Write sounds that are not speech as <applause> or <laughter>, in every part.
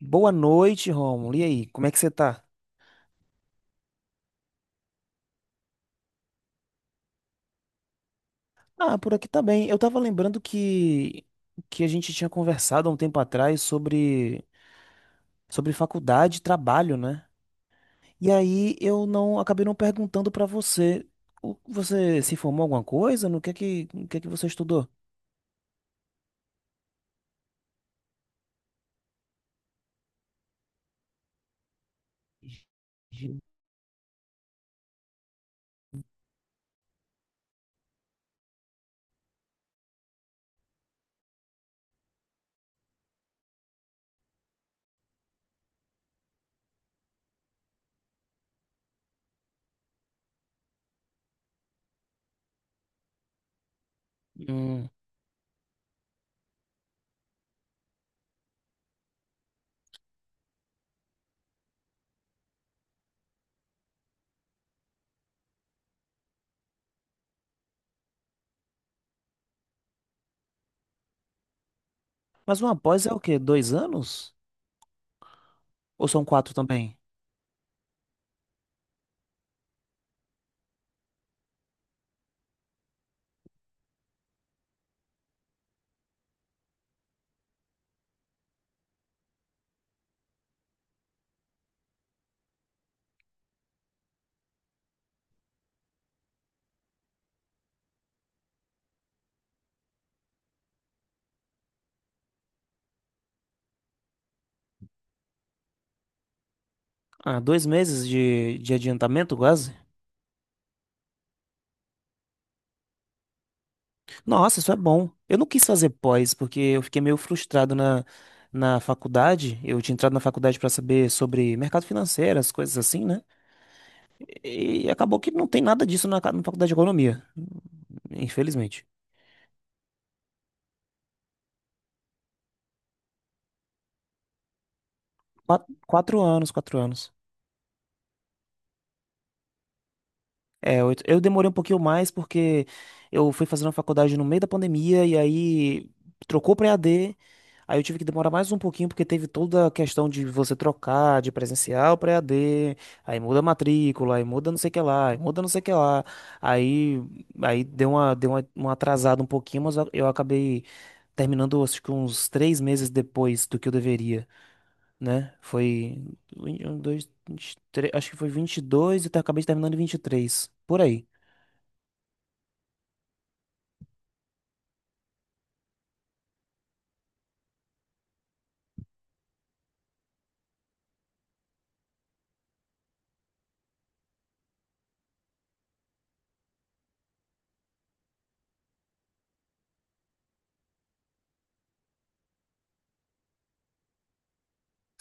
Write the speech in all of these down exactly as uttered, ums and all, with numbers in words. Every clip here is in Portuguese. Boa noite, Romulo. E aí, como é que você tá? Ah, por aqui tá bem. Eu tava lembrando que que a gente tinha conversado há um tempo atrás sobre sobre faculdade e trabalho, né? E aí eu não acabei não perguntando pra você. O- Você se formou em alguma coisa? No que é que, no que é que você estudou? Sim. Hum. Mas uma pós é o quê? Dois anos? Ou são quatro também? Ah, dois meses de, de adiantamento, quase? Nossa, isso é bom. Eu não quis fazer pós, porque eu fiquei meio frustrado na, na faculdade. Eu tinha entrado na faculdade para saber sobre mercado financeiro, as coisas assim, né? E acabou que não tem nada disso na, ca- na faculdade de economia, infelizmente. Quatro, quatro anos, quatro anos. É, oito- eu demorei um pouquinho mais porque eu fui fazendo a faculdade no meio da pandemia e aí trocou para E a d. Aí eu tive que demorar mais um pouquinho porque teve toda a questão de você trocar de presencial para E a d. Aí muda a matrícula, aí muda não sei o que lá, aí muda não sei o que lá. Aí aí deu uma deu uma, uma atrasada um pouquinho, mas eu eu acabei terminando acho que uns três meses depois do que eu deveria, né? Foi um, dois, vinte e três- acho que foi vinte e dois e eu acabei terminando em vinte e três por aí.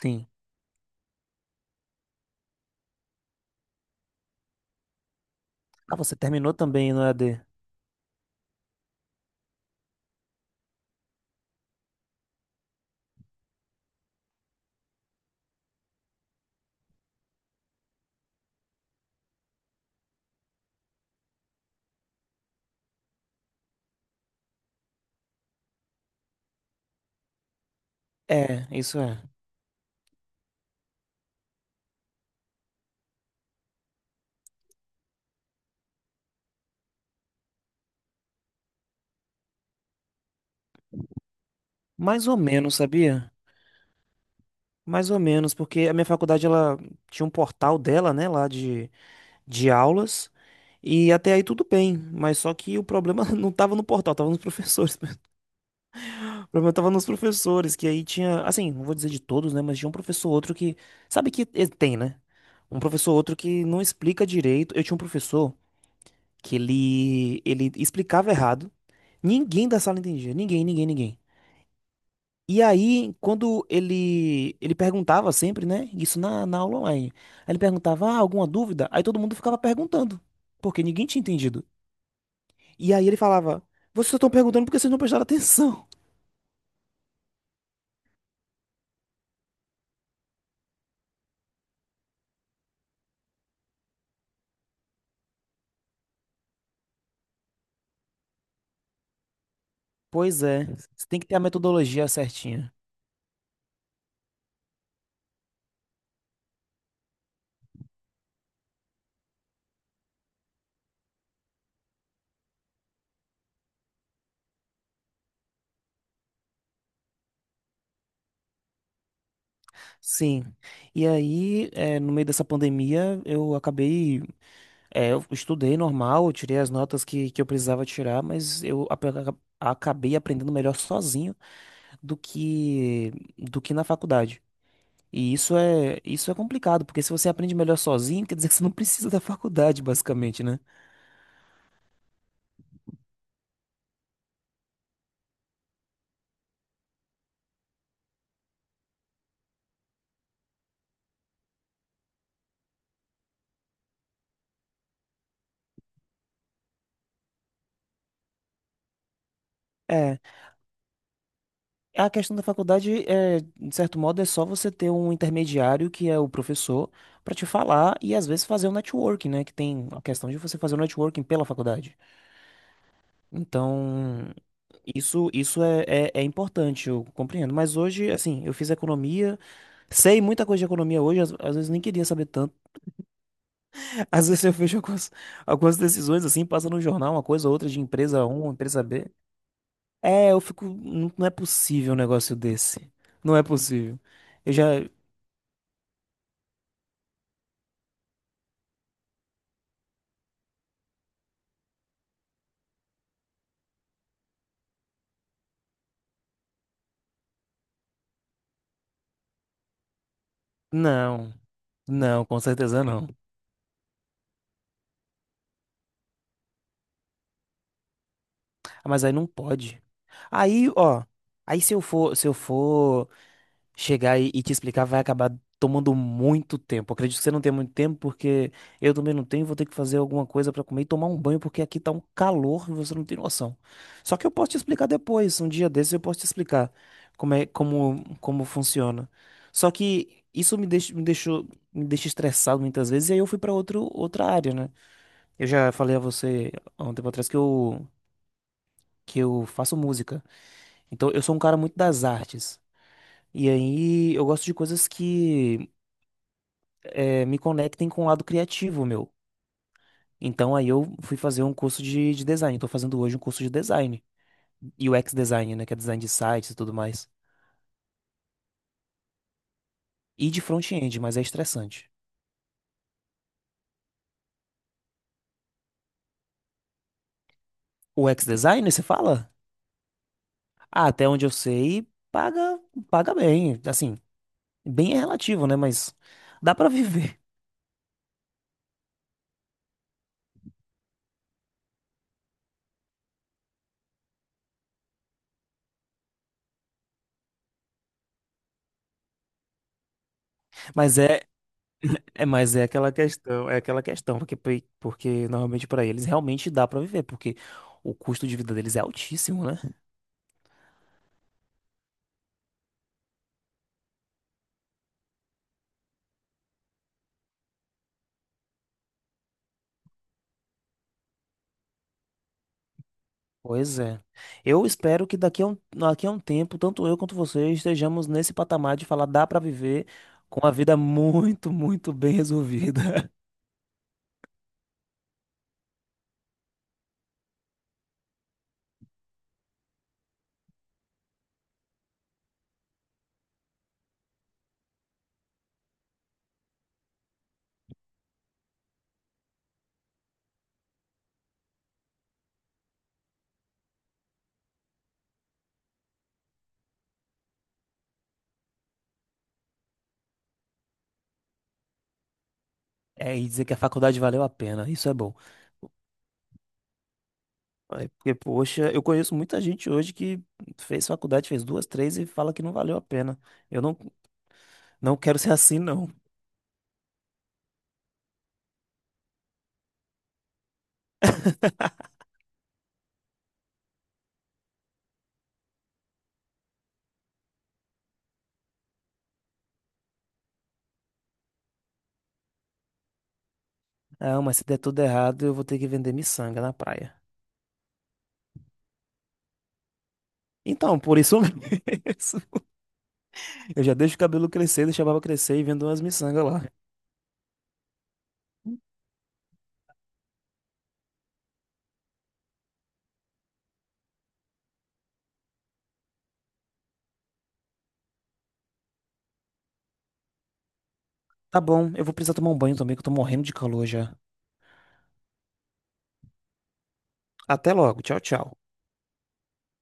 Sim. Ah, você terminou também no E A D? É, isso é. Mais ou menos, sabia? Mais ou menos, porque a minha faculdade, ela tinha um portal dela, né, lá de, de aulas, e até aí tudo bem, mas só que o problema <laughs> não tava no portal, tava nos professores. <laughs> O problema tava nos professores, que aí tinha, assim, não vou dizer de todos, né, mas tinha um professor ou outro que, sabe que ele tem, né? Um professor ou outro que não explica direito. Eu tinha um professor que ele, ele explicava errado, ninguém da sala entendia, ninguém, ninguém, ninguém. E aí, quando ele ele perguntava sempre, né? Isso na, na aula online. Aí ele perguntava, ah, alguma dúvida? Aí todo mundo ficava perguntando, porque ninguém tinha entendido. E aí ele falava, vocês estão perguntando porque vocês não prestaram atenção. Pois é, você tem que ter a metodologia certinha. Sim. E aí, eh, no meio dessa pandemia, eu acabei. Eh, eu estudei normal, eu tirei as notas que, que eu precisava tirar, mas eu ape- acabei aprendendo melhor sozinho do que, do que na faculdade. E isso é, isso é complicado, porque se você aprende melhor sozinho, quer dizer que você não precisa da faculdade, basicamente, né? É, a questão da faculdade é, de certo modo, é só você ter um intermediário que é o professor pra te falar e às vezes fazer um networking, né? Que tem a questão de você fazer o networking pela faculdade. Então, isso isso é, é, é importante, eu compreendo. Mas hoje, assim, eu fiz economia, sei muita coisa de economia hoje, às, às vezes nem queria saber tanto. Às vezes eu vejo algumas, algumas decisões assim, passa no jornal, uma coisa ou outra de empresa um, empresa B. É, eu fico. Não, não é possível um negócio desse. Não é possível. Eu já. Não, não, com certeza não. Ah, mas aí não pode. Aí, ó. Aí se eu for, se eu for chegar e, e te explicar vai acabar tomando muito tempo. Acredito que você não tenha muito tempo, porque eu também não tenho, vou ter que fazer alguma coisa pra comer e tomar um banho, porque aqui tá um calor e você não tem noção. Só que eu posso te explicar depois, um dia desses eu posso te explicar como é, como, como funciona. Só que isso me deixa, me deixou, me deixa estressado muitas vezes, e aí eu fui pra outro, outra área, né? Eu já falei a você há um tempo atrás que eu, que eu faço música. Então eu sou um cara muito das artes. E aí eu gosto de coisas que eh, me conectem com o lado criativo, meu. Então aí eu fui fazer um curso de, de design. Estou fazendo hoje um curso de design. U X design, né? Que é design de sites e tudo mais. E de front-end, mas é estressante. O U X design, você fala? Ah, até onde eu sei, paga, paga bem. Assim, bem é relativo, né? Mas dá pra viver. <laughs> Mas é, é, mas é aquela questão, é aquela questão, porque, pe- porque normalmente pra eles realmente dá pra viver, porque o custo de vida deles é altíssimo, né? Pois é. Eu espero que daqui a um, daqui a um tempo, tanto eu quanto você, estejamos nesse patamar de falar dá pra viver com a vida muito, muito bem resolvida. <laughs> É, e dizer que a faculdade valeu a pena, isso é bom. É, porque, poxa, eu conheço muita gente hoje que fez faculdade, fez duas, três e fala que não valeu a pena. Eu não, não quero ser assim, não. Ah, mas se der tudo errado, eu vou ter que vender miçanga na praia. Então, por isso <laughs> mesmo, eu já deixo o cabelo crescer, deixo a barba crescer e vendo umas miçangas lá. Tá bom, eu vou precisar tomar um banho também, que eu tô morrendo de calor já. Até logo, tchau, tchau.